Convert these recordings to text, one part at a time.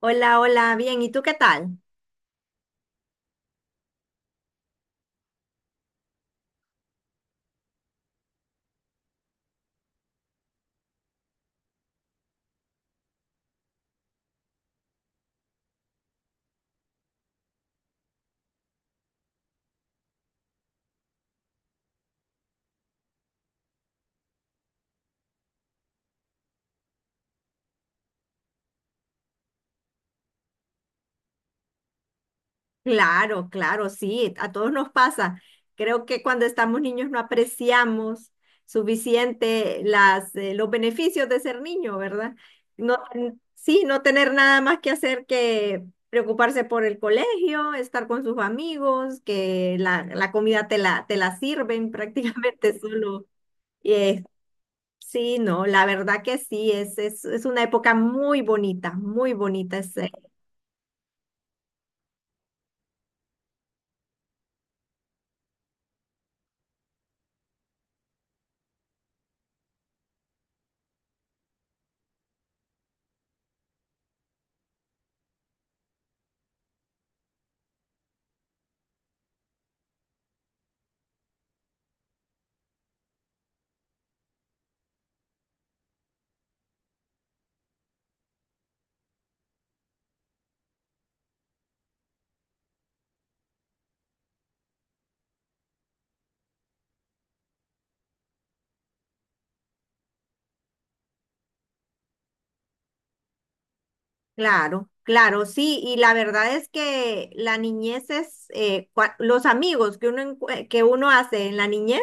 Hola, hola, bien, ¿y tú qué tal? Claro, claro, sí, a todos nos pasa. Creo que cuando estamos niños no apreciamos suficiente las, los beneficios de ser niño, ¿verdad? No, sí, no tener nada más que hacer que preocuparse por el colegio, estar con sus amigos, que la comida te la sirven prácticamente solo. Eh, sí, no, la verdad que sí, es una época muy bonita, muy bonita. Es. Claro, claro, sí, y la verdad es que la niñez es, los amigos que que uno hace en la niñez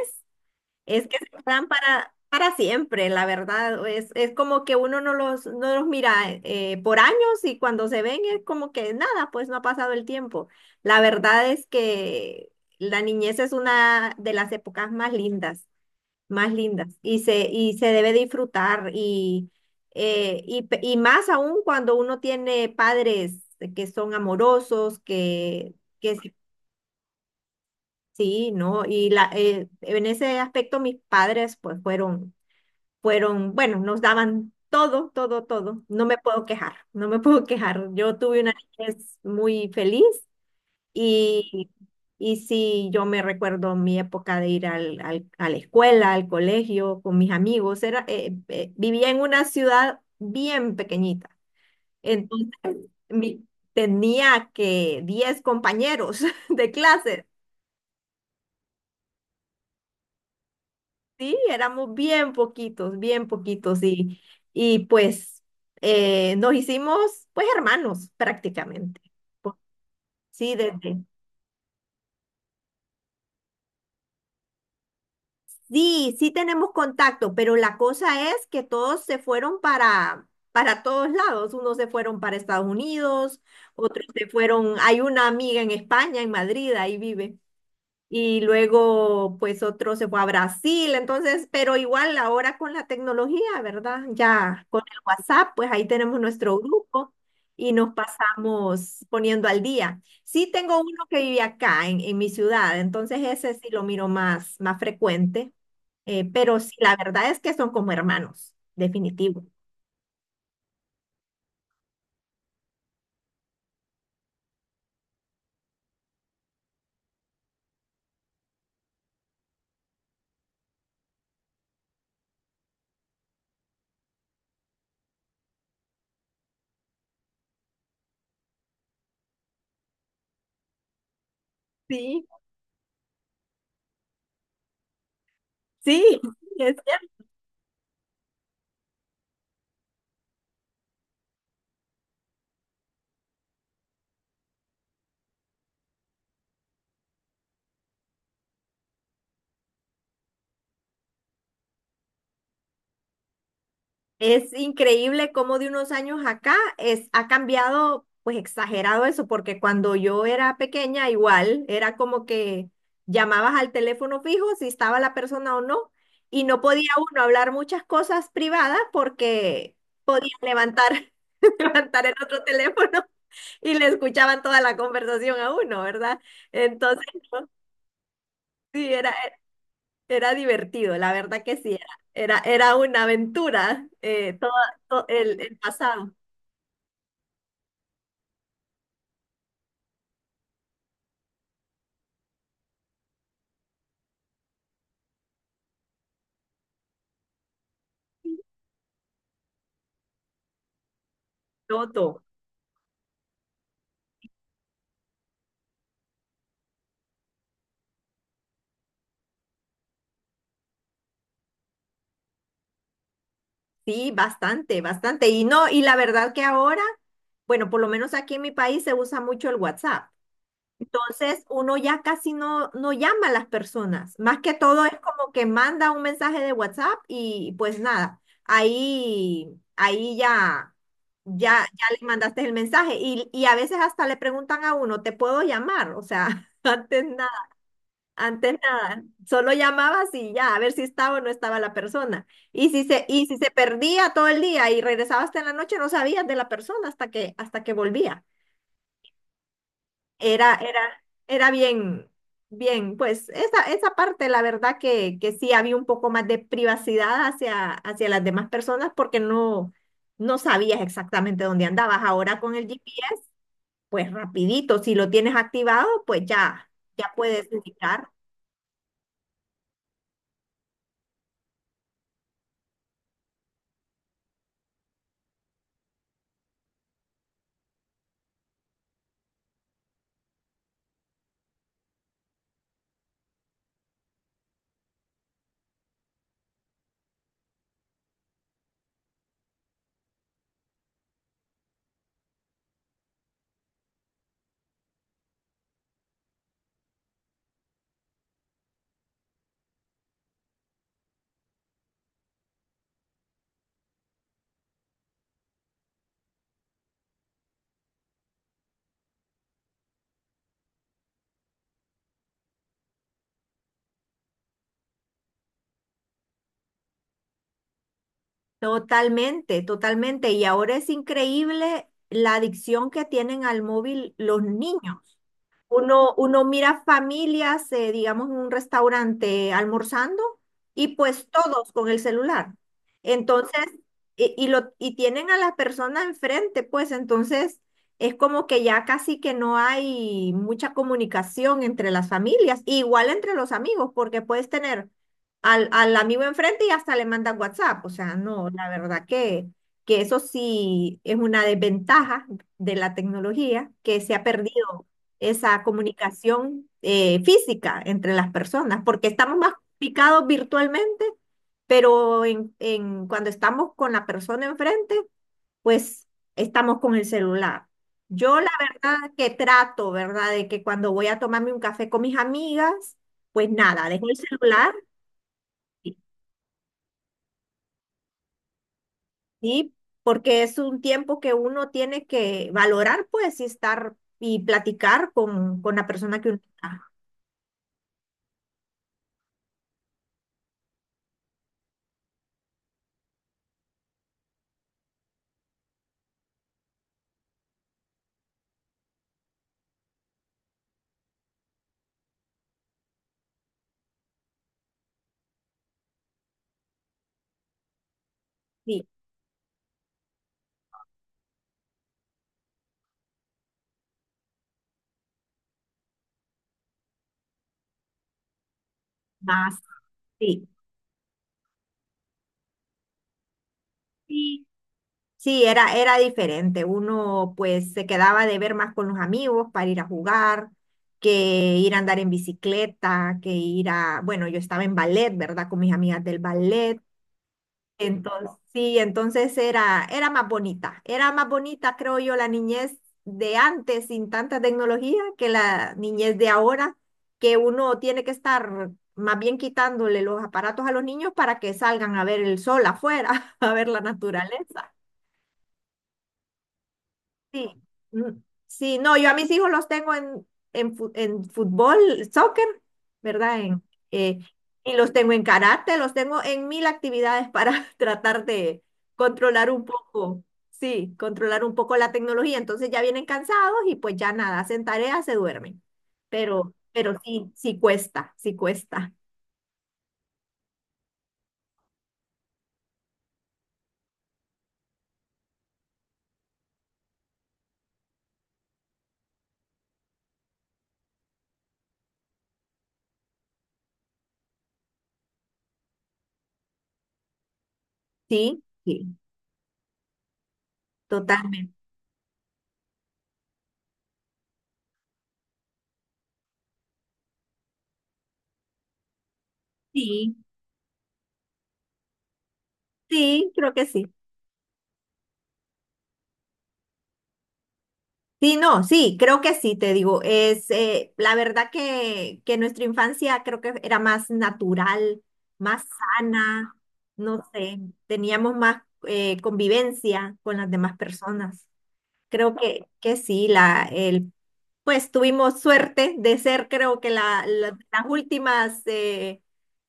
es que se quedan para siempre, la verdad, es como que uno no los mira por años, y cuando se ven es como que nada, pues no ha pasado el tiempo. La verdad es que la niñez es una de las épocas más lindas, más lindas, y se debe disfrutar y, y más aún cuando uno tiene padres que son amorosos, que s- sí, ¿no? Y en ese aspecto mis padres pues fueron, fueron, bueno, nos daban todo, todo, todo. No me puedo quejar, no me puedo quejar. Yo tuve una niñez muy feliz, y, y sí, yo me recuerdo mi época de ir a la escuela, al colegio, con mis amigos. Era, vivía en una ciudad bien pequeñita. Entonces, mi- tenía que 10 compañeros de clase. Sí, éramos bien poquitos, bien poquitos. Y pues nos hicimos pues hermanos prácticamente. Pues, sí, desde, sí, sí tenemos contacto, pero la cosa es que todos se fueron para todos lados. Unos se fueron para Estados Unidos, otros se fueron, hay una amiga en España, en Madrid, ahí vive. Y luego, pues otro se fue a Brasil, entonces, pero igual ahora con la tecnología, ¿verdad? Ya con el WhatsApp, pues ahí tenemos nuestro grupo y nos pasamos poniendo al día. Sí tengo uno que vive acá en mi ciudad, entonces ese sí lo miro más, más frecuente. Pero sí, la verdad es que son como hermanos, definitivo. Sí. Sí, es cierto. Es increíble cómo de unos años acá ha cambiado, pues exagerado eso, porque cuando yo era pequeña igual era como que llamabas al teléfono fijo si estaba la persona o no, y no podía uno hablar muchas cosas privadas porque podía levantar, levantar el otro teléfono y le escuchaban toda la conversación a uno, ¿verdad? Entonces, no, sí, era... Era divertido, la verdad que sí, era una aventura, todo, el pasado, todo. Sí, bastante, bastante. Y no, y la verdad que ahora, bueno, por lo menos aquí en mi país se usa mucho el WhatsApp. Entonces, uno ya casi no llama a las personas. Más que todo es como que manda un mensaje de WhatsApp y pues nada, ahí ya, ya le mandaste el mensaje. Y a veces hasta le preguntan a uno, ¿te puedo llamar? O sea, antes nada. Antes nada, solo llamabas y ya, a ver si estaba o no estaba la persona. Y y si se perdía todo el día y regresabas hasta en la noche, no sabías de la persona hasta que volvía. Era, era, era bien, bien, pues esa parte, la verdad que sí había un poco más de privacidad hacia, hacia las demás personas porque no sabías exactamente dónde andabas. Ahora con el GPS, pues rapidito, si lo tienes activado, pues ya, ya puedes ubicar. Totalmente, totalmente. Y ahora es increíble la adicción que tienen al móvil los niños. Uno, uno mira familias, digamos, en un restaurante almorzando, y pues todos con el celular. Entonces, y tienen a la persona enfrente, pues entonces es como que ya casi que no hay mucha comunicación entre las familias, igual entre los amigos, porque puedes tener al amigo enfrente y hasta le mandas WhatsApp. O sea, no, la verdad que eso sí es una desventaja de la tecnología, que se ha perdido esa comunicación, física entre las personas, porque estamos más picados virtualmente, pero cuando estamos con la persona enfrente, pues estamos con el celular. Yo la verdad que trato, ¿verdad? De que cuando voy a tomarme un café con mis amigas, pues nada, dejo el celular, y... Porque es un tiempo que uno tiene que valorar, pues, y estar y platicar con la persona que uno está. Sí, más, sí. Sí. Sí, era, era diferente. Uno pues se quedaba de ver más con los amigos para ir a jugar, que ir a andar en bicicleta, que ir a, bueno, yo estaba en ballet, ¿verdad? Con mis amigas del ballet. Entonces, sí, entonces era, era más bonita. Era más bonita, creo yo, la niñez de antes sin tanta tecnología que la niñez de ahora, que uno tiene que estar más bien quitándole los aparatos a los niños para que salgan a ver el sol afuera, a ver la naturaleza. Sí, mm, sí, no, yo a mis hijos los tengo en fútbol, soccer, ¿verdad? Eh, y los tengo en karate, los tengo en mil actividades para tratar de controlar un poco, sí, controlar un poco la tecnología. Entonces ya vienen cansados y pues ya nada, hacen tareas, se duermen. Pero sí, sí cuesta, sí cuesta. Sí, sí, totalmente. Sí, sí, creo que sí. Sí, no, sí, creo que sí, te digo. Es, la verdad que nuestra infancia creo que era más natural, más sana, no sé, teníamos más, convivencia con las demás personas. Creo que sí, pues tuvimos suerte de ser, creo que las últimas,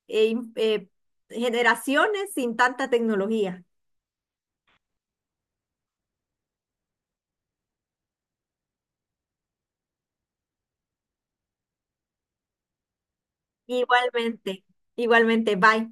eh, in- eh, generaciones sin tanta tecnología. Igualmente, igualmente, bye.